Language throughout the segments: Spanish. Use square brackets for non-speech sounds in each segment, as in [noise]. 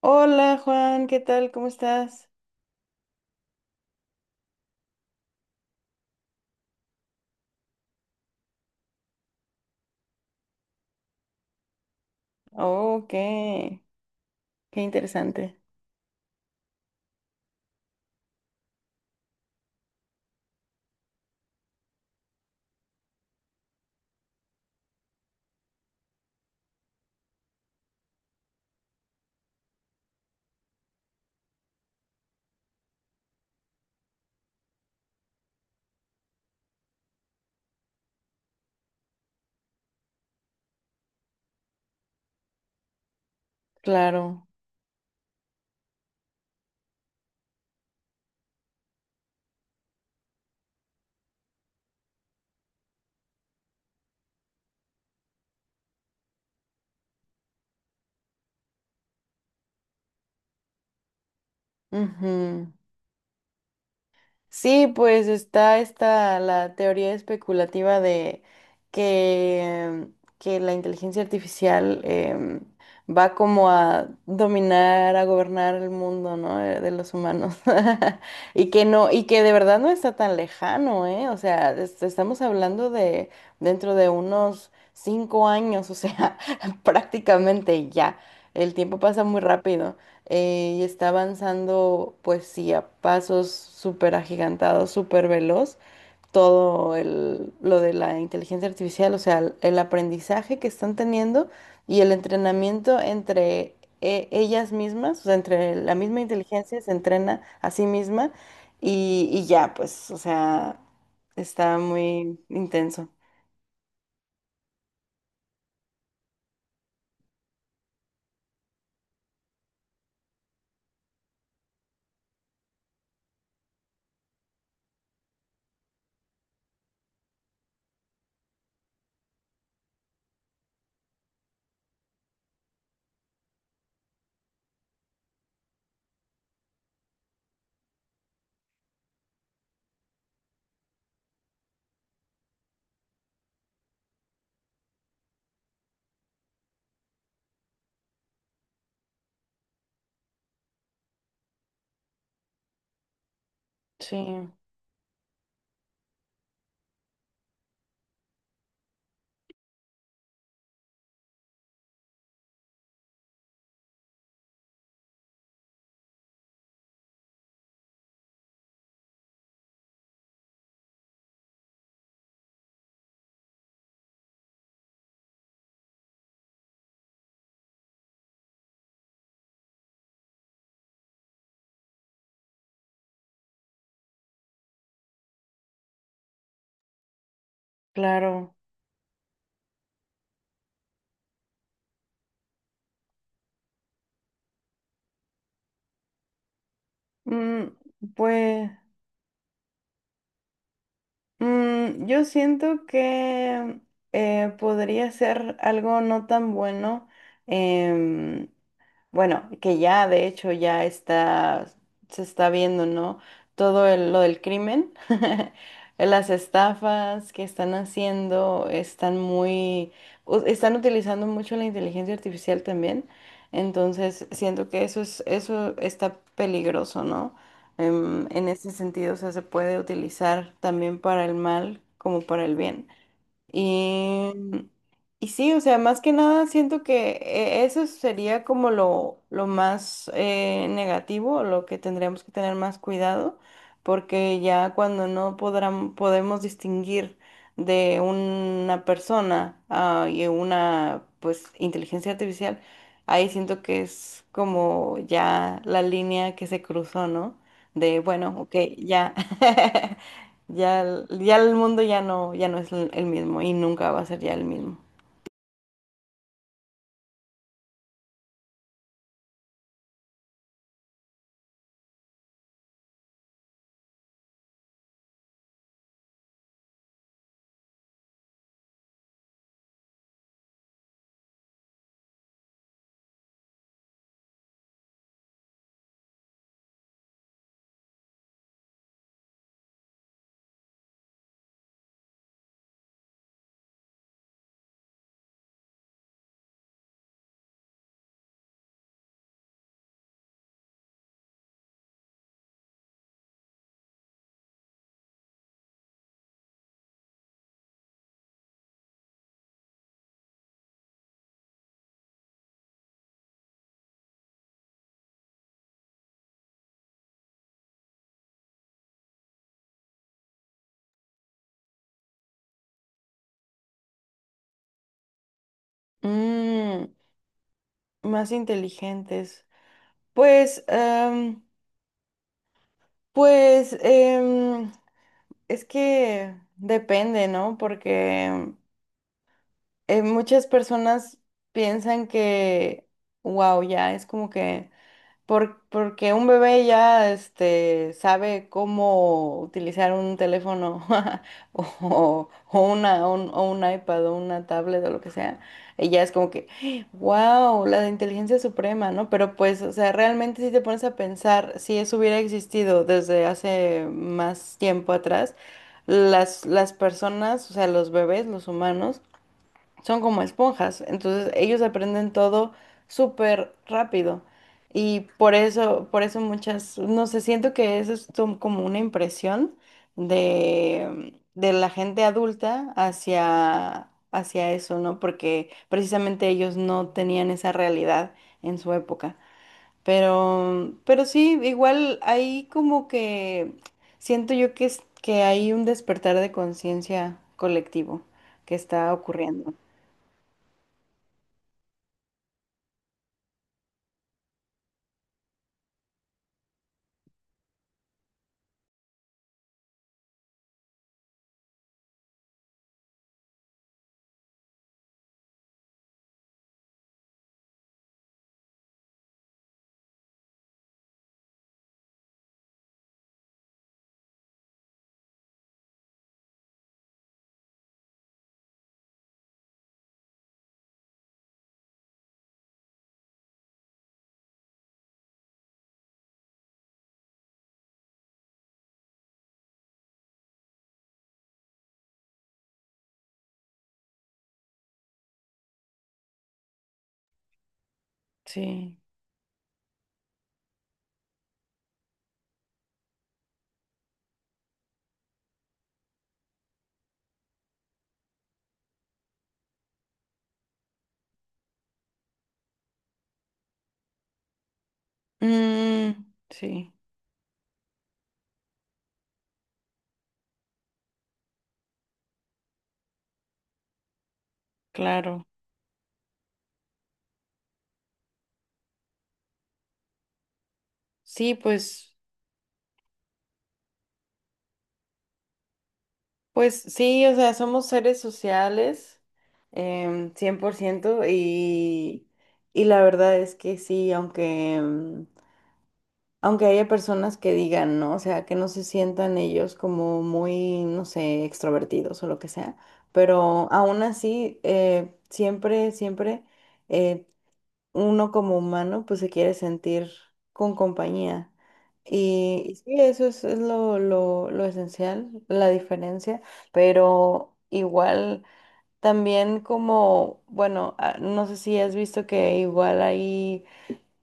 Hola Juan, ¿qué tal? ¿Cómo estás? Oh, qué, qué interesante. Claro. Ujú. Sí, pues está esta la teoría especulativa que, que la inteligencia artificial va como a dominar, a gobernar el mundo, ¿no? De los humanos. [laughs] Y que no, y que de verdad no está tan lejano, ¿eh? O sea, estamos hablando de dentro de unos cinco años, o sea, [laughs] prácticamente ya. El tiempo pasa muy rápido y está avanzando, pues sí, a pasos súper agigantados, súper veloz. Todo lo de la inteligencia artificial, o sea, el aprendizaje que están teniendo y el entrenamiento entre ellas mismas, o sea, entre la misma inteligencia se entrena a sí misma y ya, pues, o sea, está muy intenso. Sí, claro. Mm, pues. Mm, yo siento que podría ser algo no tan bueno. em, bueno, que ya de hecho ya está, se está viendo, ¿no? Todo lo del crimen, [laughs] las estafas que están haciendo, están utilizando mucho la inteligencia artificial también. Entonces, siento que eso está peligroso, ¿no? Em, en ese sentido, o sea, se puede utilizar también para el mal como para el bien. Y, y sí, o sea, más que nada siento que eso sería como lo más negativo, lo que tendríamos que tener más cuidado, porque ya cuando no podrán, podemos distinguir de una persona y una pues inteligencia artificial, ahí siento que es como ya la línea que se cruzó, ¿no? De bueno, ok, ya. [laughs] Ya, ya el mundo ya no, ya no es el mismo y nunca va a ser ya el mismo. Mm, más inteligentes. Pues, em, pues, es que depende, ¿no? Porque muchas personas piensan que, wow, ya es como que porque un bebé ya este, sabe cómo utilizar un teléfono [laughs] o un iPad o una tablet o lo que sea. Y ya es como que, wow, la de inteligencia suprema, ¿no? Pero pues, o sea, realmente si te pones a pensar, si eso hubiera existido desde hace más tiempo atrás, las personas, o sea, los bebés, los humanos, son como esponjas, entonces ellos aprenden todo súper rápido y por eso muchas, no sé, siento que eso es como una impresión de la gente adulta hacia, hacia eso, ¿no? Porque precisamente ellos no tenían esa realidad en su época. Pero sí, igual hay como que siento yo que, que hay un despertar de conciencia colectivo que está ocurriendo. Sí. Mm, sí, claro. Sí, pues, pues sí, o sea, somos seres sociales, 100% y la verdad es que sí, aunque, aunque haya personas que digan, ¿no? O sea, que no se sientan ellos como muy, no sé, extrovertidos o lo que sea, pero aún así, siempre... eh, Uno como humano pues se quiere sentir con compañía. Y, Sí. Y sí, eso es lo esencial, la diferencia, pero igual también como, bueno, ah, no sé si has visto que igual hay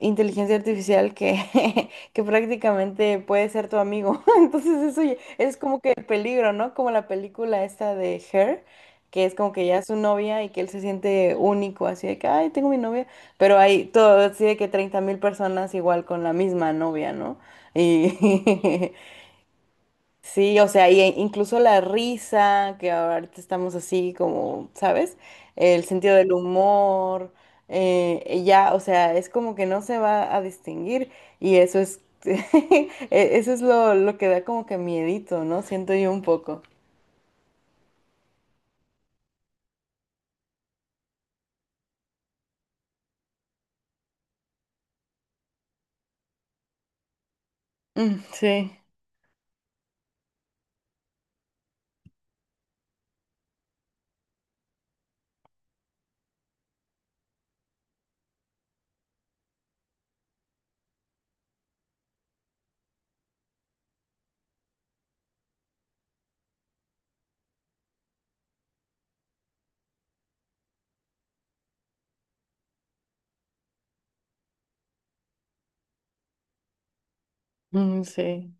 inteligencia artificial que, [laughs] que prácticamente puede ser tu amigo. [laughs] Entonces eso es como que el peligro, ¿no? Como la película esta de Her, que es como que ya es su novia y que él se siente único, así de que, ay, tengo mi novia, pero hay todo, así de que 30 mil personas igual con la misma novia, ¿no? Y, [laughs] sí, o sea, y incluso la risa, que ahorita estamos así como, ¿sabes? El sentido del humor, ya, o sea, es como que no se va a distinguir y [laughs] eso es lo que da como que miedito, ¿no? Siento yo un poco. Mm, sí, mm, sí.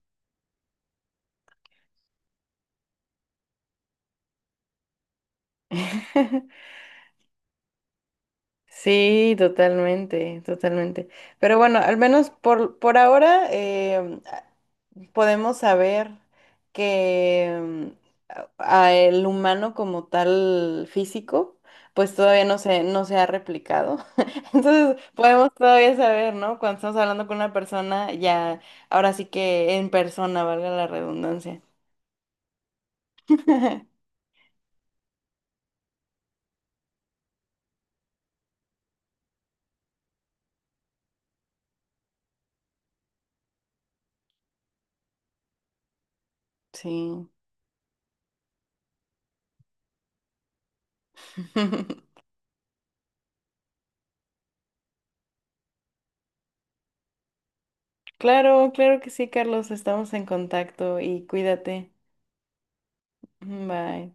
[laughs] Sí, totalmente, totalmente. Pero bueno, al menos por ahora podemos saber que a- a el humano como tal físico, pues todavía no se, no se ha replicado. [laughs] Entonces podemos todavía saber, ¿no? Cuando estamos hablando con una persona, ya, ahora sí que en persona, valga la redundancia. [laughs] Sí. [laughs] Claro, claro que sí, Carlos, estamos en contacto y cuídate. Bye.